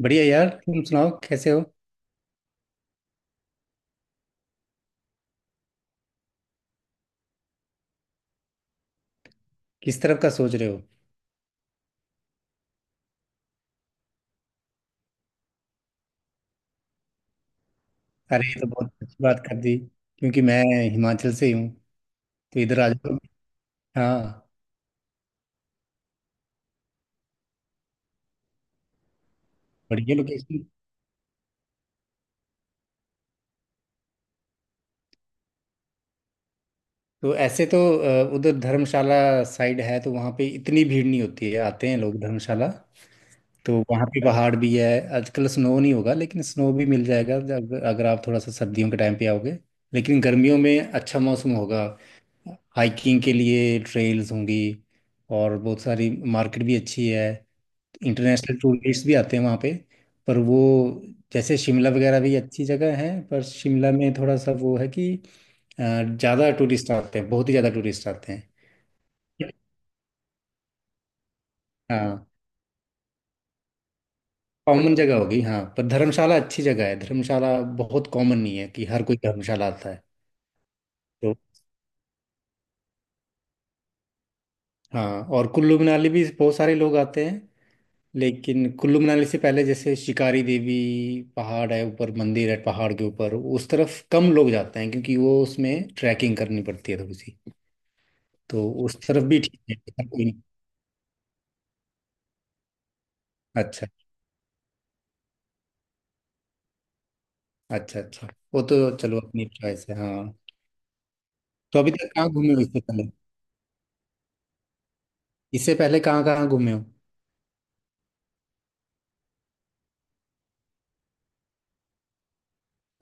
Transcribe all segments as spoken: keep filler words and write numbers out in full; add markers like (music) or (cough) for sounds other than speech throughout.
बढ़िया यार। तुम सुनाओ कैसे हो। किस तरफ का सोच रहे हो। अरे ये तो बहुत अच्छी बात कर दी क्योंकि मैं हिमाचल से ही हूँ। तो इधर आ जाओ। हाँ। बढ़िया लोकेशन। तो ऐसे तो अ, उधर धर्मशाला साइड है तो वहाँ पे इतनी भीड़ नहीं होती है। आते हैं लोग धर्मशाला। तो वहाँ पे पहाड़ भी है। आजकल स्नो नहीं होगा लेकिन स्नो भी मिल जाएगा जब अगर आप थोड़ा सा सर्दियों के टाइम पे आओगे। लेकिन गर्मियों में अच्छा मौसम होगा। हाइकिंग के लिए ट्रेल्स होंगी और बहुत सारी मार्केट भी अच्छी है। इंटरनेशनल टूरिस्ट भी आते हैं वहाँ पे। पर वो जैसे शिमला वगैरह भी अच्छी जगह है पर शिमला में थोड़ा सा वो है कि अ, ज़्यादा टूरिस्ट आते हैं बहुत ही ज़्यादा टूरिस्ट आते हैं। हाँ कॉमन जगह होगी। हाँ पर धर्मशाला अच्छी जगह है। धर्मशाला बहुत कॉमन नहीं है कि हर कोई धर्मशाला आता है। तो हाँ और कुल्लू मनाली भी बहुत सारे लोग आते हैं। लेकिन कुल्लू मनाली से पहले जैसे शिकारी देवी पहाड़ है ऊपर। मंदिर है पहाड़ के ऊपर। उस तरफ कम लोग जाते हैं क्योंकि वो उसमें ट्रैकिंग करनी पड़ती है थोड़ी सी। तो उस तरफ भी ठीक है। इधर कोई नहीं। अच्छा अच्छा। अच्छा वो तो चलो अपनी चॉइस है। हाँ तो अभी तक कहाँ घूमे हो इससे पहले। इससे पहले कहाँ कहाँ घूमे हो।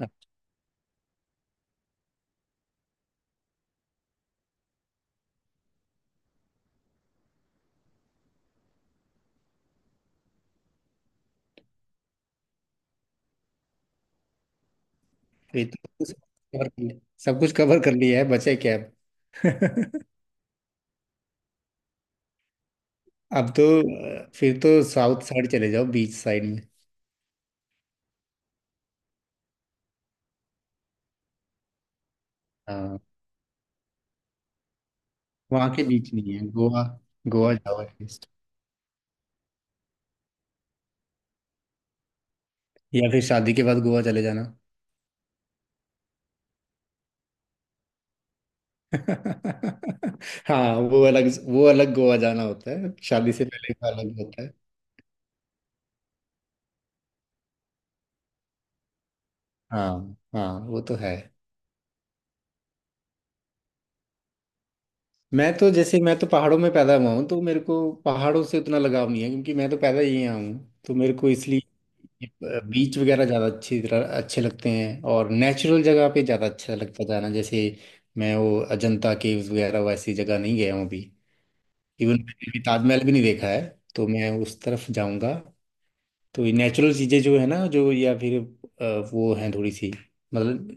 अब तो ये तो सब कुछ कवर कर लिया। सब कुछ कवर कर लिया है। बचे क्या अब। (laughs) अब तो अ, फिर तो साउथ साइड चले जाओ बीच साइड में। हाँ वहाँ के बीच नहीं है। गोवा। गोवा जाओ एटलीस्ट। या फिर शादी के बाद गोवा चले जाना। (laughs) हाँ वो अलग। वो अलग गोवा जाना होता है। शादी से पहले का अलग होता है। हाँ हाँ वो तो है। मैं तो जैसे मैं तो पहाड़ों में पैदा हुआ हूँ तो मेरे को पहाड़ों से उतना लगाव नहीं है क्योंकि मैं तो पैदा ही यहाँ हूँ तो मेरे को इसलिए बीच वगैरह ज़्यादा अच्छी तरह अच्छे लगते हैं। और नेचुरल जगह पे ज़्यादा अच्छा लगता जाना। जैसे मैं वो अजंता केव्स वगैरह वैसी जगह नहीं गया हूँ अभी। इवन मैंने अभी ताजमहल भी नहीं देखा है। तो मैं उस तरफ जाऊँगा। तो ये नेचुरल चीज़ें जो है ना जो या फिर अ, वो हैं थोड़ी सी। मतलब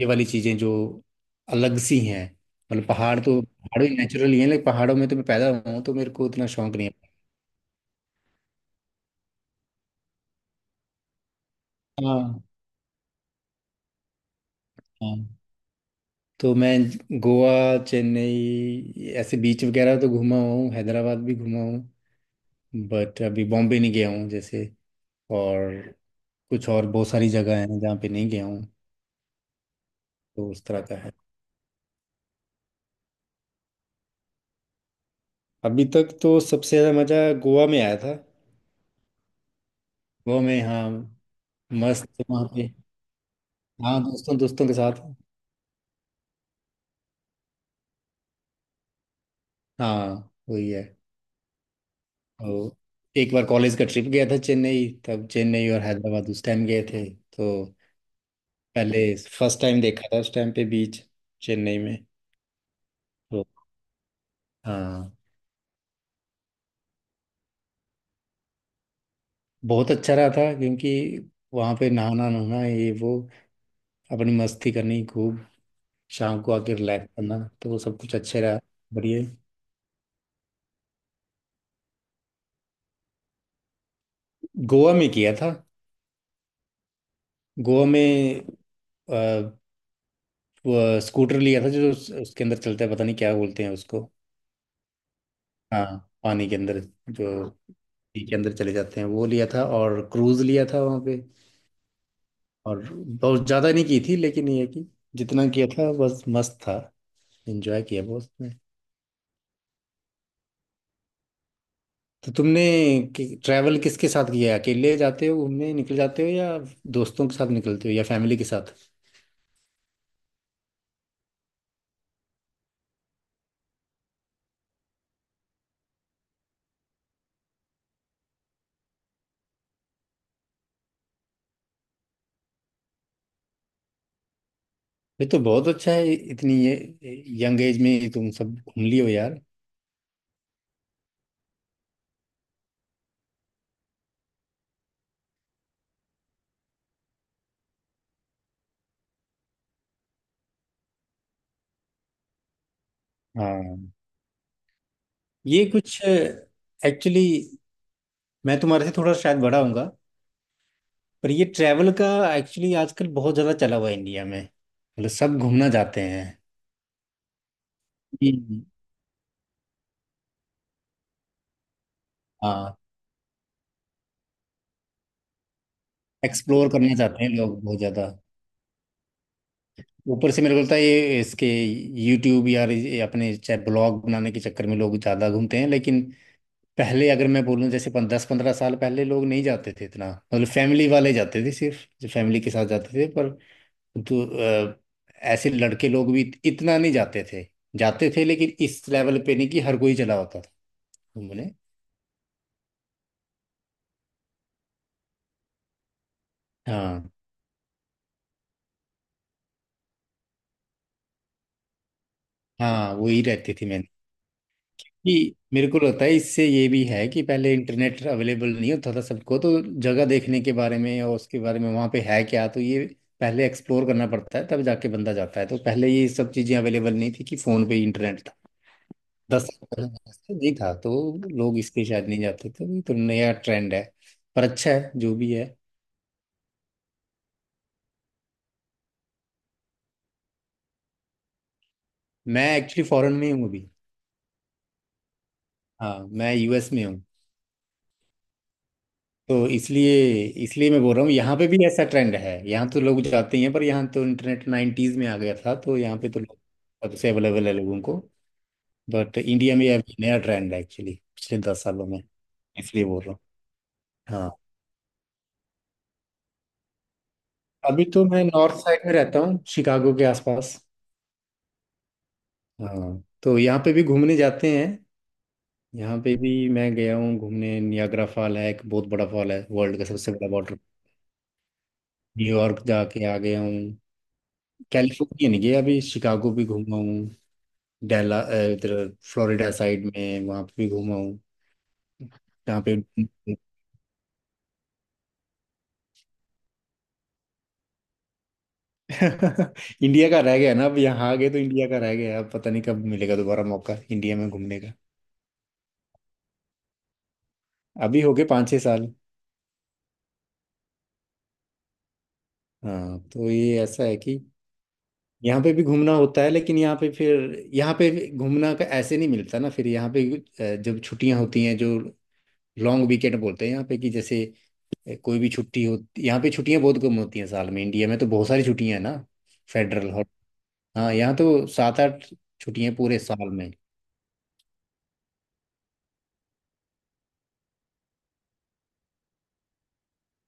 ये वाली चीज़ें जो अलग सी हैं। मतलब पहाड़ तो पहाड़ भी नेचुरल ही हैं लेकिन पहाड़ों में तो मैं पैदा हुआ हूँ तो मेरे को उतना शौक नहीं है। हाँ हाँ तो मैं गोवा, चेन्नई ऐसे बीच वगैरह तो घूमा हुआ हूँ। हैदराबाद भी घूमा हूँ। बट अभी बॉम्बे नहीं गया हूँ जैसे। और कुछ और बहुत सारी जगह हैं जहाँ पे नहीं गया हूँ। तो उस तरह का है। अभी तक तो सबसे ज़्यादा मज़ा गोवा में आया था। गोवा में हाँ। मस्त थे वहाँ पे। हाँ दोस्तों दोस्तों के साथ। हाँ वही है। और एक बार कॉलेज का ट्रिप गया था चेन्नई। तब चेन्नई और हैदराबाद उस टाइम गए थे। तो पहले फर्स्ट टाइम देखा था उस टाइम पे बीच चेन्नई में। तो हाँ बहुत अच्छा रहा था क्योंकि वहाँ पे नहाना नहाना ये वो अपनी मस्ती करनी खूब शाम को आके रिलैक्स करना, तो वो सब कुछ अच्छे रहा। बढ़िया। गोवा में किया था। गोवा में वो स्कूटर लिया था जो उस- उसके अंदर चलता है। पता नहीं क्या बोलते हैं उसको। हाँ पानी के अंदर जो नदी के अंदर चले जाते हैं वो लिया था। और क्रूज लिया था वहाँ पे। और बहुत ज़्यादा नहीं की थी लेकिन ये है कि जितना किया था बस मस्त था। एंजॉय किया बहुत उसमें। तो तुमने ट्रैवल किसके साथ किया है? अकेले जाते हो घूमने निकल जाते हो या दोस्तों के साथ निकलते हो या फैमिली के साथ। ये तो बहुत अच्छा है इतनी ये यंग एज में तुम सब घूम लियो यार। हाँ ये कुछ एक्चुअली मैं तुम्हारे से थोड़ा शायद बड़ा होऊंगा। पर ये ट्रैवल का एक्चुअली आजकल बहुत ज़्यादा चला हुआ है इंडिया में। मतलब सब घूमना चाहते हैं। हम्म। हाँ एक्सप्लोर करना चाहते हैं लोग बहुत ज़्यादा। ऊपर से मेरे को लगता है ये इसके यूट्यूब या ये अपने चाहे ब्लॉग बनाने के चक्कर में लोग ज़्यादा घूमते हैं। लेकिन पहले अगर मैं बोलूँ जैसे पन, दस पंद्रह साल पहले लोग नहीं जाते थे इतना। मतलब फैमिली वाले जाते थे सिर्फ। जो फैमिली के साथ जाते थे पर तो अ, ऐसे लड़के लोग भी इतना नहीं जाते थे। जाते थे लेकिन इस लेवल पे नहीं कि हर कोई चला होता था घूमने। हाँ हाँ वही रहती थी मैंने। कि मेरे को लगता है इससे ये भी है कि पहले इंटरनेट अवेलेबल नहीं होता था सबको। तो जगह देखने के बारे में और उसके बारे में वहाँ पे है क्या तो ये पहले एक्सप्लोर करना पड़ता है तब जाके बंदा जाता है। तो पहले ये सब चीज़ें अवेलेबल नहीं थी कि फ़ोन पे ही इंटरनेट था। दस साल पहले नहीं था तो लोग इसलिए शायद नहीं जाते थे। तो ये तो नया ट्रेंड है। पर अच्छा है जो भी है। मैं एक्चुअली फॉरेन में ही हूँ अभी। हाँ मैं यूएस में हूँ। तो इसलिए इसलिए मैं बोल रहा हूँ यहाँ पे भी ऐसा ट्रेंड है। यहाँ तो लोग जाते ही हैं। पर यहाँ तो इंटरनेट नाइन्टीज में आ गया था तो यहाँ पे तो लोग सबसे अवेलेबल है लोगों को। बट इंडिया में अभी नया ट्रेंड है एक्चुअली पिछले दस सालों में। इसलिए बोल रहा हूँ। हाँ अभी तो मैं नॉर्थ साइड में रहता हूँ शिकागो के आसपास। हाँ तो यहाँ पे भी घूमने जाते हैं। यहाँ पे भी मैं गया हूँ घूमने। नियाग्रा फॉल है एक बहुत बड़ा फॉल है वर्ल्ड का सबसे बड़ा वाटर। न्यूयॉर्क जाके आ गया हूँ। कैलिफोर्निया नहीं गया अभी। शिकागो भी घूमा हूँ। डेला अ, इधर फ्लोरिडा साइड में वहाँ पे भी घूमा हूँ। जहाँ पे (laughs) इंडिया का रह गया ना। अब यहाँ आ गए तो इंडिया का रह गया। अब पता नहीं कब मिलेगा दोबारा मौका इंडिया में घूमने का। अभी हो गए पाँच छः साल। हाँ तो ये ऐसा है कि यहाँ पे भी घूमना होता है लेकिन यहाँ पे फिर यहाँ पे भी घूमना का ऐसे नहीं मिलता ना फिर यहाँ पे अ, जब छुट्टियाँ होती हैं जो लॉन्ग वीकेंड बोलते हैं यहाँ पे कि जैसे ए, कोई भी छुट्टी होती। यहाँ पे छुट्टियां बहुत कम होती हैं साल में। इंडिया में तो बहुत सारी छुट्टियां हैं ना। Federal hall. हाँ यहाँ तो सात आठ छुट्टियां पूरे साल में।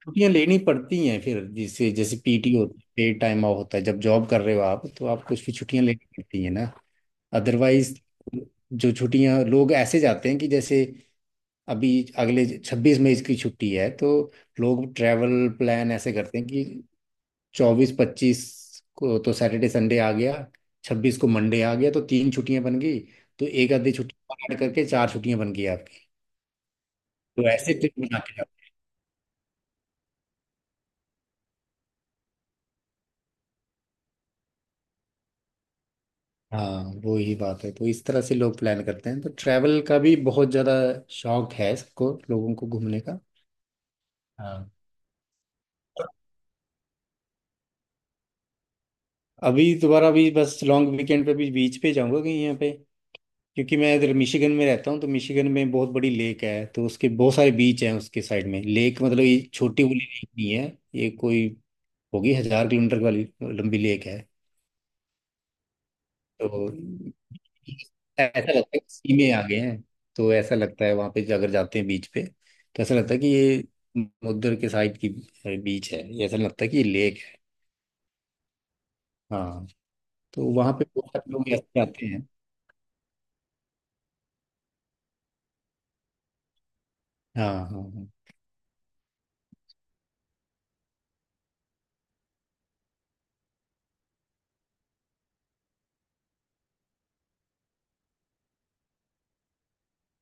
छुट्टियां लेनी पड़ती हैं फिर जिससे जैसे पीटी होती है। पेड टाइम ऑफ होता है जब जॉब कर रहे हो आप तो आपको उसकी छुट्टियां लेनी पड़ती हैं ना। अदरवाइज जो छुट्टियां लोग ऐसे जाते हैं कि जैसे अभी अगले छब्बीस मई की छुट्टी है तो लोग ट्रैवल प्लान ऐसे करते हैं कि चौबीस पच्चीस को तो सैटरडे संडे आ गया। छब्बीस को मंडे आ गया तो तीन छुट्टियां बन गई। तो एक आधी छुट्टी और ऐड करके चार छुट्टियां बन गई आपकी। तो ऐसे ट्रिप बना के जाओ। हाँ वो ही बात है। तो इस तरह से लोग प्लान करते हैं तो ट्रैवल का भी बहुत ज़्यादा शौक है सबको लोगों को घूमने का। हाँ अभी दोबारा अभी बस लॉन्ग वीकेंड पे भी बीच पे जाऊंगा कहीं यहाँ पे क्योंकि मैं इधर मिशिगन में रहता हूँ तो मिशिगन में बहुत बड़ी लेक है तो उसके बहुत सारे बीच हैं उसके साइड में। लेक मतलब ये छोटी वाली लेक नहीं है। ये कोई होगी हजार किलोमीटर वाली लंबी लेक है। तो ऐसा लगता है कि सी में आ गए हैं। तो ऐसा लगता है वहां पे अगर जाते हैं बीच पे तो ऐसा लगता है कि ये समुद्र के साइड की बीच है। ये ऐसा लगता है कि ये लेक है। हाँ तो वहां पे बहुत सारे लोग ऐसे जाते हैं। हाँ हाँ हाँ।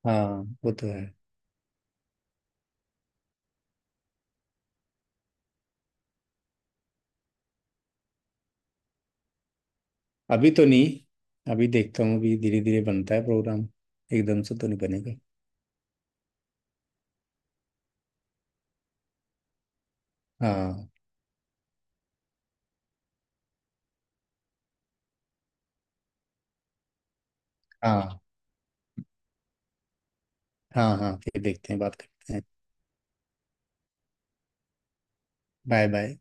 हाँ वो तो है। अभी तो नहीं। अभी देखता हूँ अभी धीरे धीरे बनता है प्रोग्राम। एकदम से तो नहीं बनेगा। हाँ हाँ हाँ। हाँ फिर देखते हैं बात करते हैं। Bye bye.